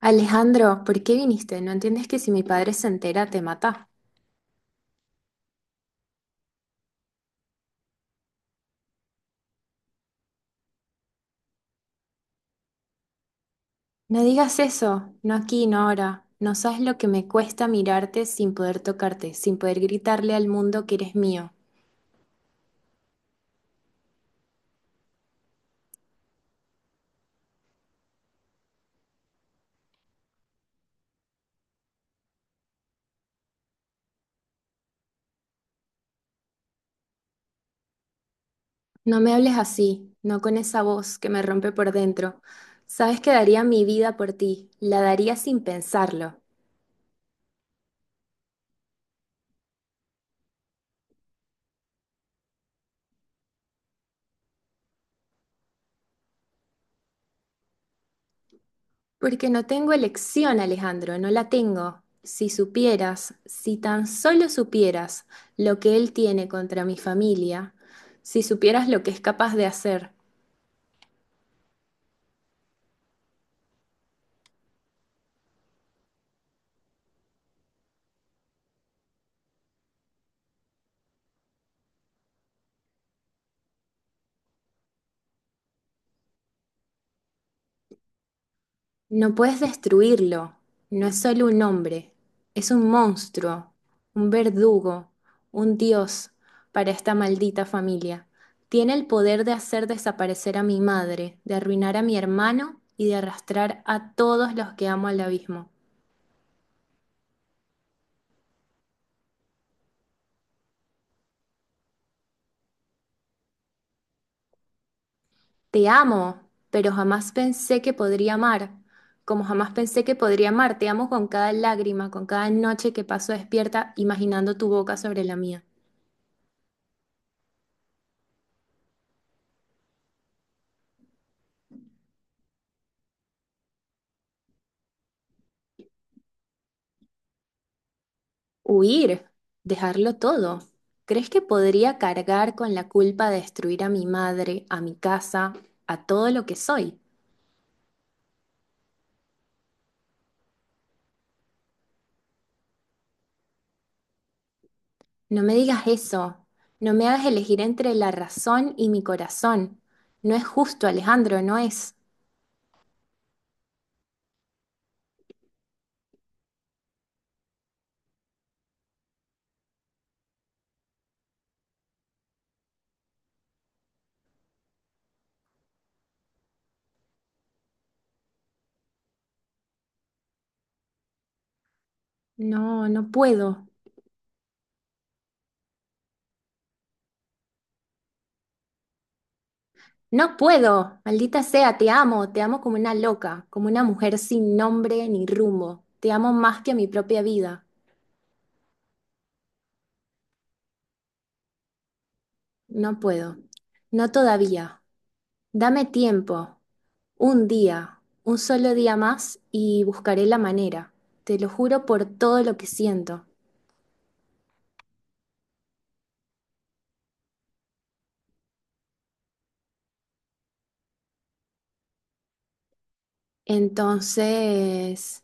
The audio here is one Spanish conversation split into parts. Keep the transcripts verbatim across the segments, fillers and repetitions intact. Alejandro, ¿por qué viniste? ¿No entiendes que si mi padre se entera te mata? No digas eso, no aquí, no ahora. No sabes lo que me cuesta mirarte sin poder tocarte, sin poder gritarle al mundo que eres mío. No me hables así, no con esa voz que me rompe por dentro. Sabes que daría mi vida por ti, la daría sin pensarlo. Porque no tengo elección, Alejandro, no la tengo. Si supieras, si tan solo supieras lo que él tiene contra mi familia, si supieras lo que es capaz de hacer, no puedes destruirlo. No es solo un hombre, es un monstruo, un verdugo, un dios para esta maldita familia. Tiene el poder de hacer desaparecer a mi madre, de arruinar a mi hermano y de arrastrar a todos los que amo al abismo. Te amo, pero jamás pensé que podría amar, como jamás pensé que podría amar. Te amo con cada lágrima, con cada noche que paso despierta imaginando tu boca sobre la mía. Huir, dejarlo todo. ¿Crees que podría cargar con la culpa de destruir a mi madre, a mi casa, a todo lo que soy? No me digas eso. No me hagas elegir entre la razón y mi corazón. No es justo, Alejandro, no es. No, no puedo. No puedo, maldita sea, te amo, te amo como una loca, como una mujer sin nombre ni rumbo. Te amo más que a mi propia vida. No puedo, no todavía. Dame tiempo, un día, un solo día más y buscaré la manera. Te lo juro por todo lo que siento. Entonces,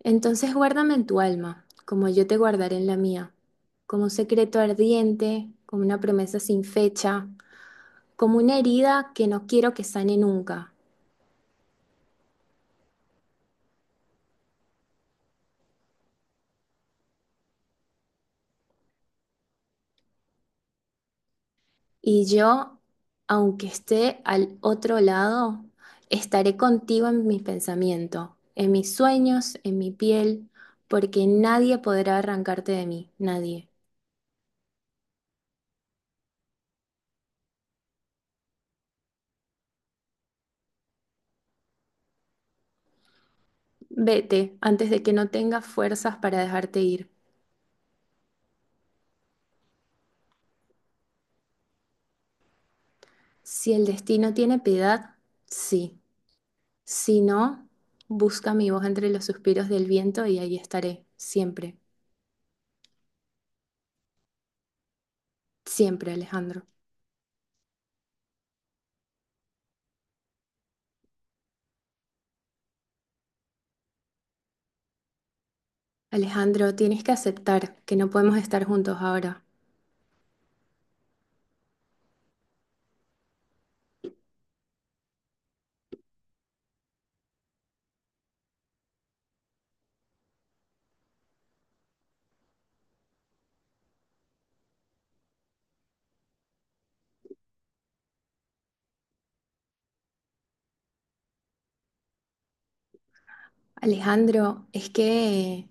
entonces guárdame en tu alma, como yo te guardaré en la mía, como un secreto ardiente, como una promesa sin fecha, como una herida que no quiero que sane nunca. Y yo, aunque esté al otro lado, estaré contigo en mi pensamiento, en mis sueños, en mi piel, porque nadie podrá arrancarte de mí, nadie. Vete antes de que no tengas fuerzas para dejarte ir. Si el destino tiene piedad, sí. Si no, busca mi voz entre los suspiros del viento y ahí estaré, siempre, siempre, Alejandro. Alejandro, tienes que aceptar que no podemos estar juntos ahora. Alejandro, es que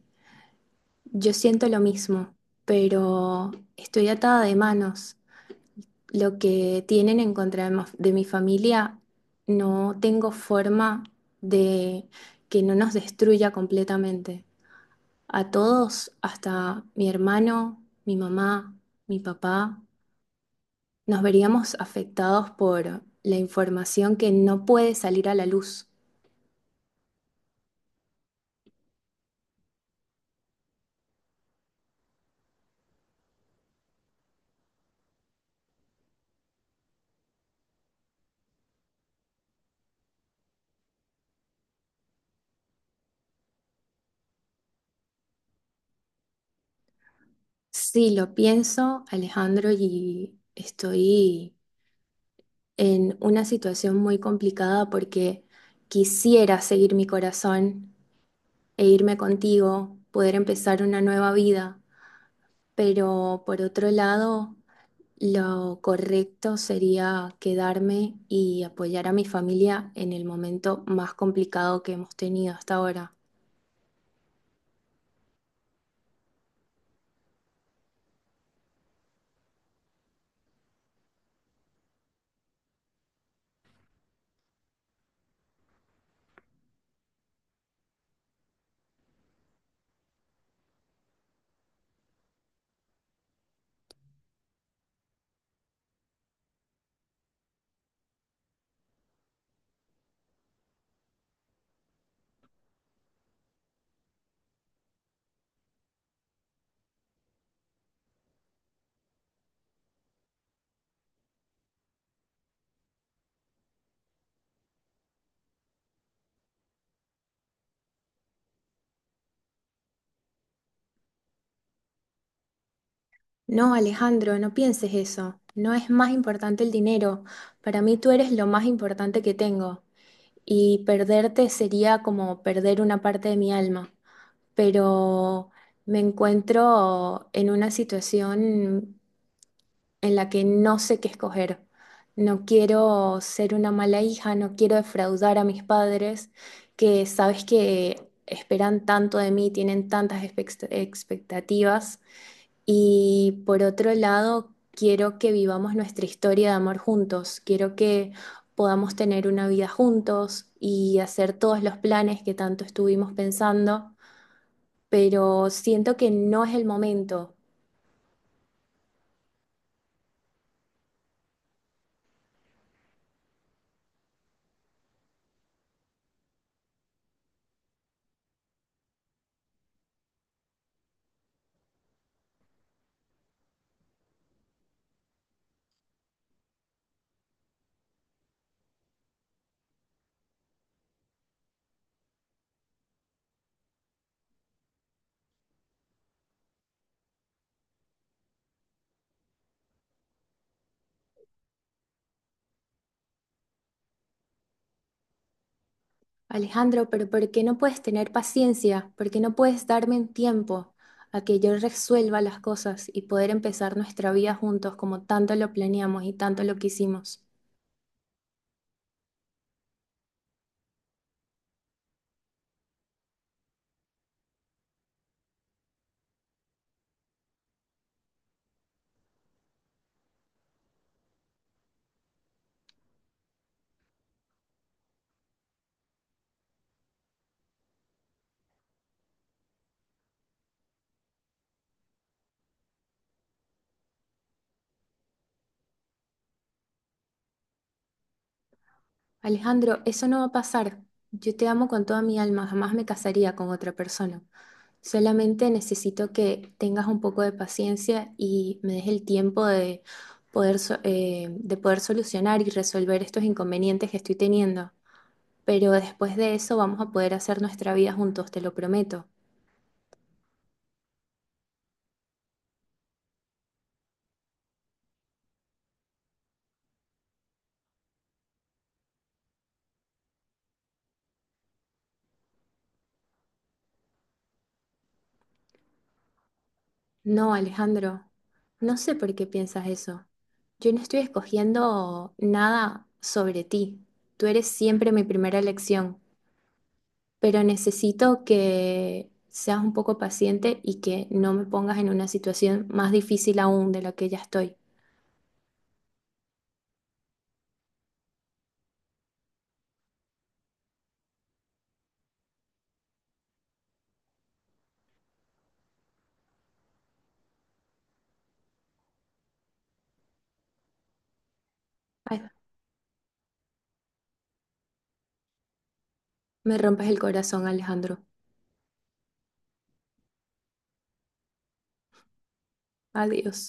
yo siento lo mismo, pero estoy atada de manos. Lo que tienen en contra de, mo- de mi familia, no tengo forma de que no nos destruya completamente. A todos, hasta mi hermano, mi mamá, mi papá, nos veríamos afectados por la información que no puede salir a la luz. Sí, lo pienso, Alejandro, y estoy en una situación muy complicada porque quisiera seguir mi corazón e irme contigo, poder empezar una nueva vida, pero por otro lado, lo correcto sería quedarme y apoyar a mi familia en el momento más complicado que hemos tenido hasta ahora. No, Alejandro, no pienses eso. No es más importante el dinero. Para mí tú eres lo más importante que tengo. Y perderte sería como perder una parte de mi alma, pero me encuentro en una situación en la que no sé qué escoger. No quiero ser una mala hija, no quiero defraudar a mis padres, que sabes que esperan tanto de mí, tienen tantas expect- expectativas, y por otro lado, quiero que vivamos nuestra historia de amor juntos. Quiero que podamos tener una vida juntos y hacer todos los planes que tanto estuvimos pensando, pero siento que no es el momento. Alejandro, pero ¿por qué no puedes tener paciencia? ¿Por qué no puedes darme un tiempo a que yo resuelva las cosas y poder empezar nuestra vida juntos como tanto lo planeamos y tanto lo quisimos? Alejandro, eso no va a pasar. Yo te amo con toda mi alma, jamás me casaría con otra persona. Solamente necesito que tengas un poco de paciencia y me des el tiempo de poder, so- eh, de poder solucionar y resolver estos inconvenientes que estoy teniendo. Pero después de eso vamos a poder hacer nuestra vida juntos, te lo prometo. No, Alejandro, no sé por qué piensas eso. Yo no estoy escogiendo nada sobre ti. Tú eres siempre mi primera elección. Pero necesito que seas un poco paciente y que no me pongas en una situación más difícil aún de la que ya estoy. Ay, me rompes el corazón, Alejandro. Adiós.